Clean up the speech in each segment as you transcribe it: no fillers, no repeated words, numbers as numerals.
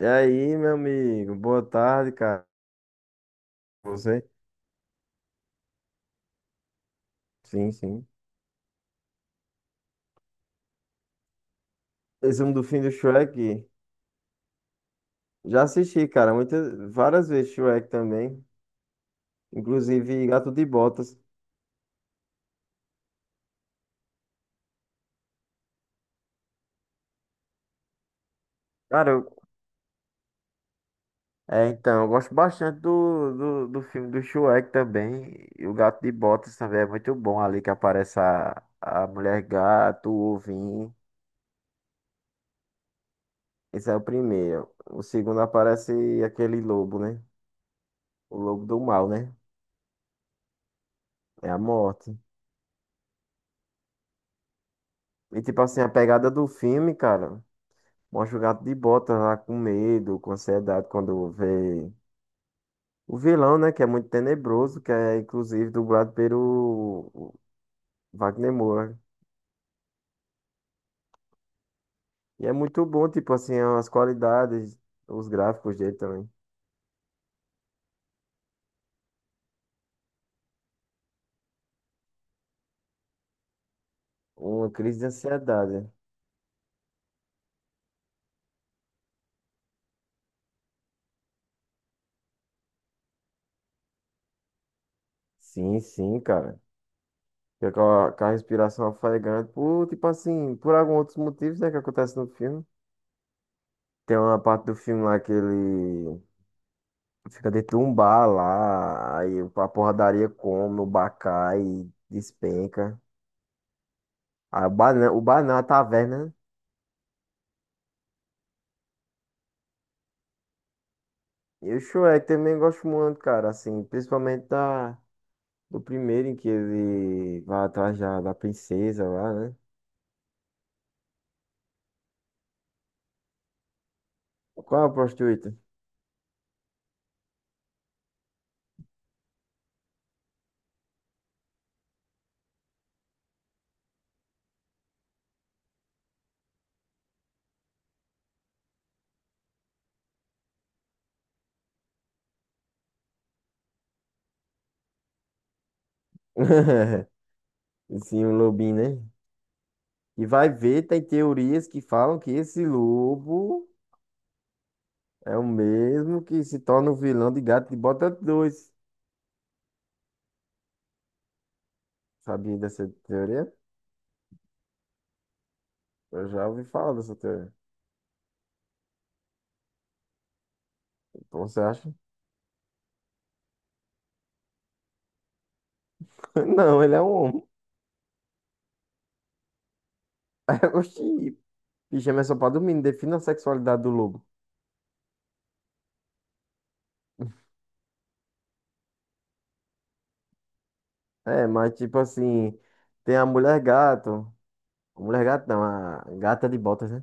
E aí, meu amigo, boa tarde, cara. Você? Sim, sim. Resumo do fim do Shrek. Já assisti, cara, muitas, várias vezes Shrek também. Inclusive Gato de Botas. Cara, eu, é, então, Eu gosto bastante do filme do Shrek também. E o Gato de Botas também é muito bom ali que aparece a mulher gato, o ovinho. Esse é o primeiro. O segundo aparece aquele lobo, né? O lobo do mal, né? É a morte. E tipo assim, a pegada do filme, cara. Mostra o gato de bota lá com medo, com ansiedade, quando vê o vilão, né? Que é muito tenebroso, que é inclusive dublado pelo Wagner Moura. E é muito bom, tipo assim, as qualidades, os gráficos dele também. Uma crise de ansiedade. Sim, sim, cara. Fica com a respiração ofegante, por, tipo assim, por alguns outros motivos, né, que acontece no filme. Tem uma parte do filme lá que ele fica dentro de um bar lá, aí a porradaria come, o bar cai, despenca. Aí o bar, não- O bar não, a taverna, né? E o Shrek também gosto muito, cara, assim, principalmente da, do primeiro em que ele vai atrás da princesa lá, né? Qual é a prostituta? Sim, o lobinho, né? E vai ver, tem teorias que falam que esse lobo é o mesmo que se torna o vilão de Gato de Bota 2. Sabia dessa teoria? Eu já ouvi falar dessa teoria. Então, você acha? Não, ele é um homem. Oxi, pijama é só pra dormir, defina a sexualidade do lobo. É, mas tipo assim, tem a mulher gato. A mulher gato não, a gata de botas, né?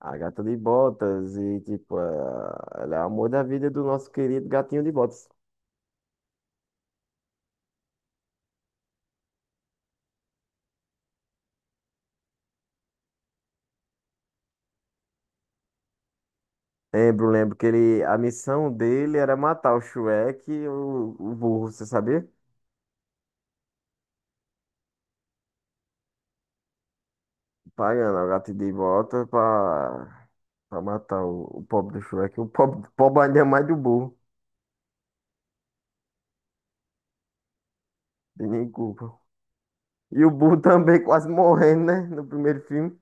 A gata de botas e tipo, ela é o amor da vida do nosso querido gatinho de botas. Lembro, lembro que ele, a missão dele era matar o Shrek e o burro, você sabia? Pagando o gato de botas pra matar o pobre do Shrek. O pobre, pobre ainda é mais do burro, de nem culpa. E o Boo também quase morrendo, né? No primeiro filme.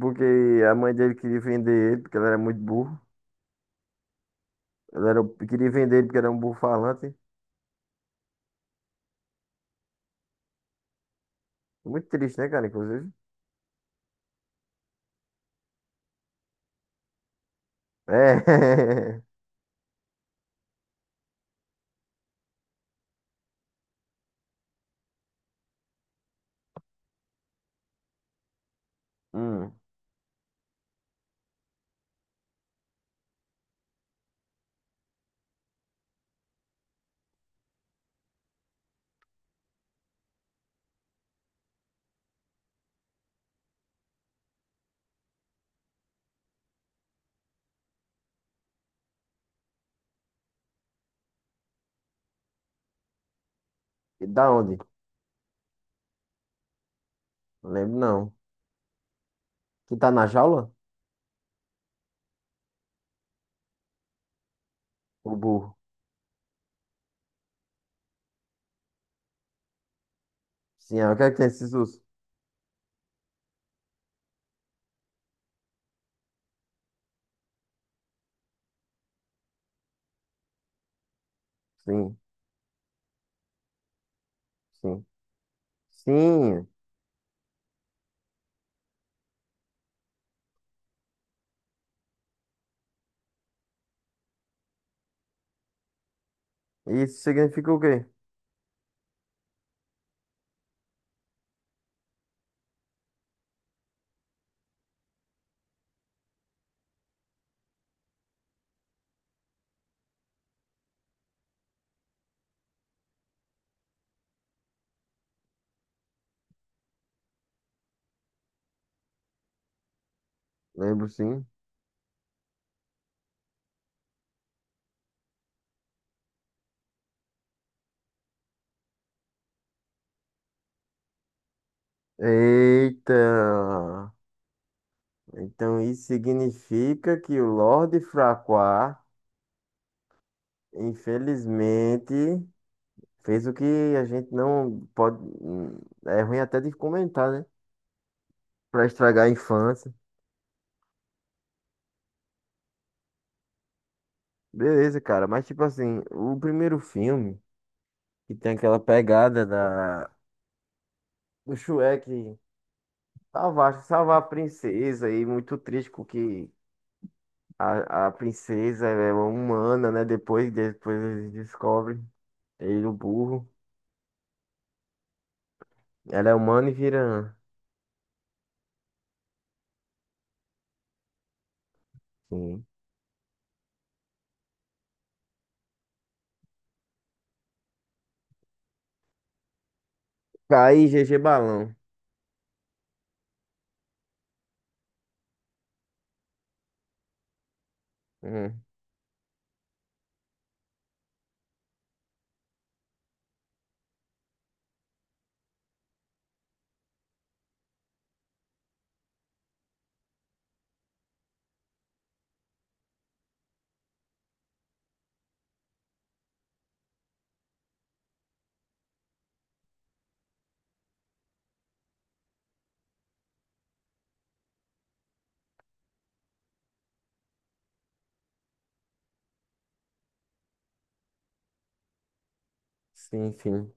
Porque a mãe dele queria vender ele, porque ele era muito burro. Ela era, Queria vender ele porque era um burro falante. Muito triste, né, cara? Inclusive. É. Hum. E da onde? Não lembro, não. Que tá na jaula? O burro. Sim, ah, o que é que tem esses ursos? Sim, sim. Sim. Isso significa o quê? Lembro, sim. Eita. Então isso significa que o Lorde Fraqua infelizmente fez o que a gente não pode. Hum, é ruim até de comentar, né? Pra estragar a infância. Beleza, cara. Mas, tipo assim, o primeiro filme, que tem aquela pegada da... Do Shrek salvar a princesa, e muito triste com que a princesa é humana, né? Depois eles descobrem ele, o burro. Ela é humana e vira. Sim. Cai GG Balão. Hum, sim, sim.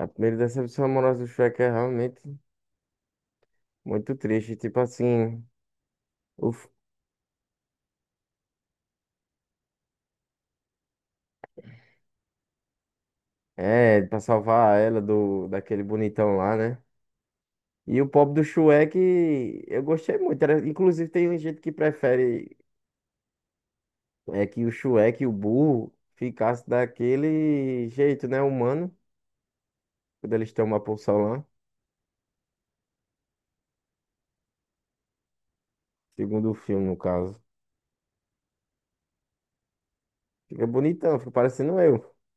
A primeira decepção amorosa do Shrek é realmente muito triste. Tipo assim, uf, é, pra salvar ela do, daquele bonitão lá, né? E o pobre do Shrek, eu gostei muito. Inclusive, tem gente que prefere que o Shrek, o burro, ficasse daquele jeito, né? Humano, quando eles tomam a poção lá. Segundo o filme, no caso. Fica bonitão, fica parecendo eu.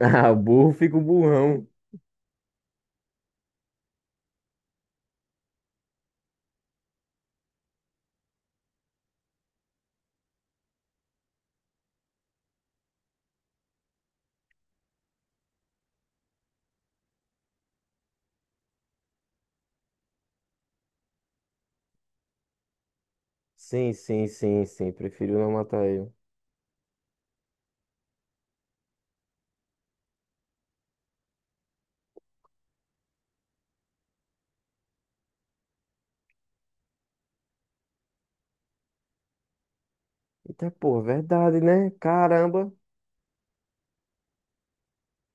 Ah, o burro fica o burrão. Sim, sim, sim, sim. Prefiro não matar ele. Eita, pô, verdade, né? Caramba.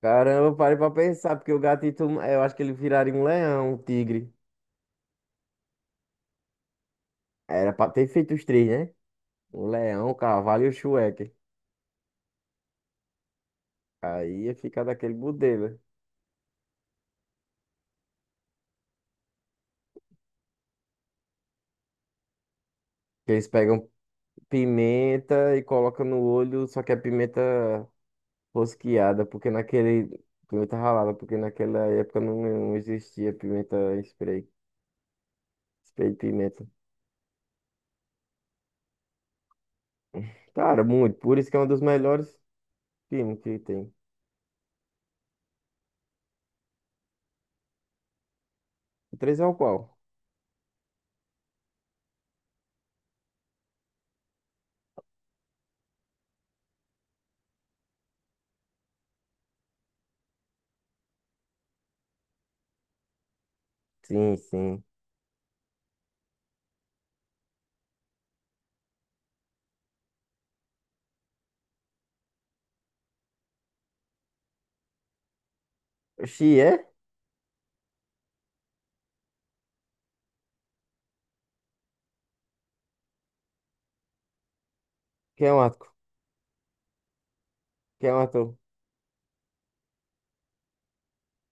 Caramba, parei pra pensar, porque o gatito, eu acho que ele viraria um leão, um tigre. Era pra ter feito os três, né? O leão, o cavalo e o chueque. Aí ia ficar daquele modelo. Que eles pegam pimenta e colocam no olho, só que é pimenta rosqueada, porque naquele. Pimenta ralada, porque naquela época não existia pimenta em spray. Spray de pimenta. Cara, muito. Por isso que é um dos melhores filmes que tem. O três é o qual? Sim, sim. Xi é? Quem é o ator? Quem é o ator?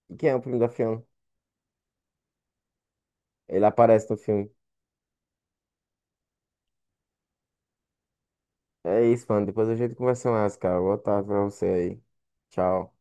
E quem é o primo da Fiona? Ele aparece no filme. É isso, mano. Depois a gente conversa mais, cara. Boa tarde pra você aí. Tchau.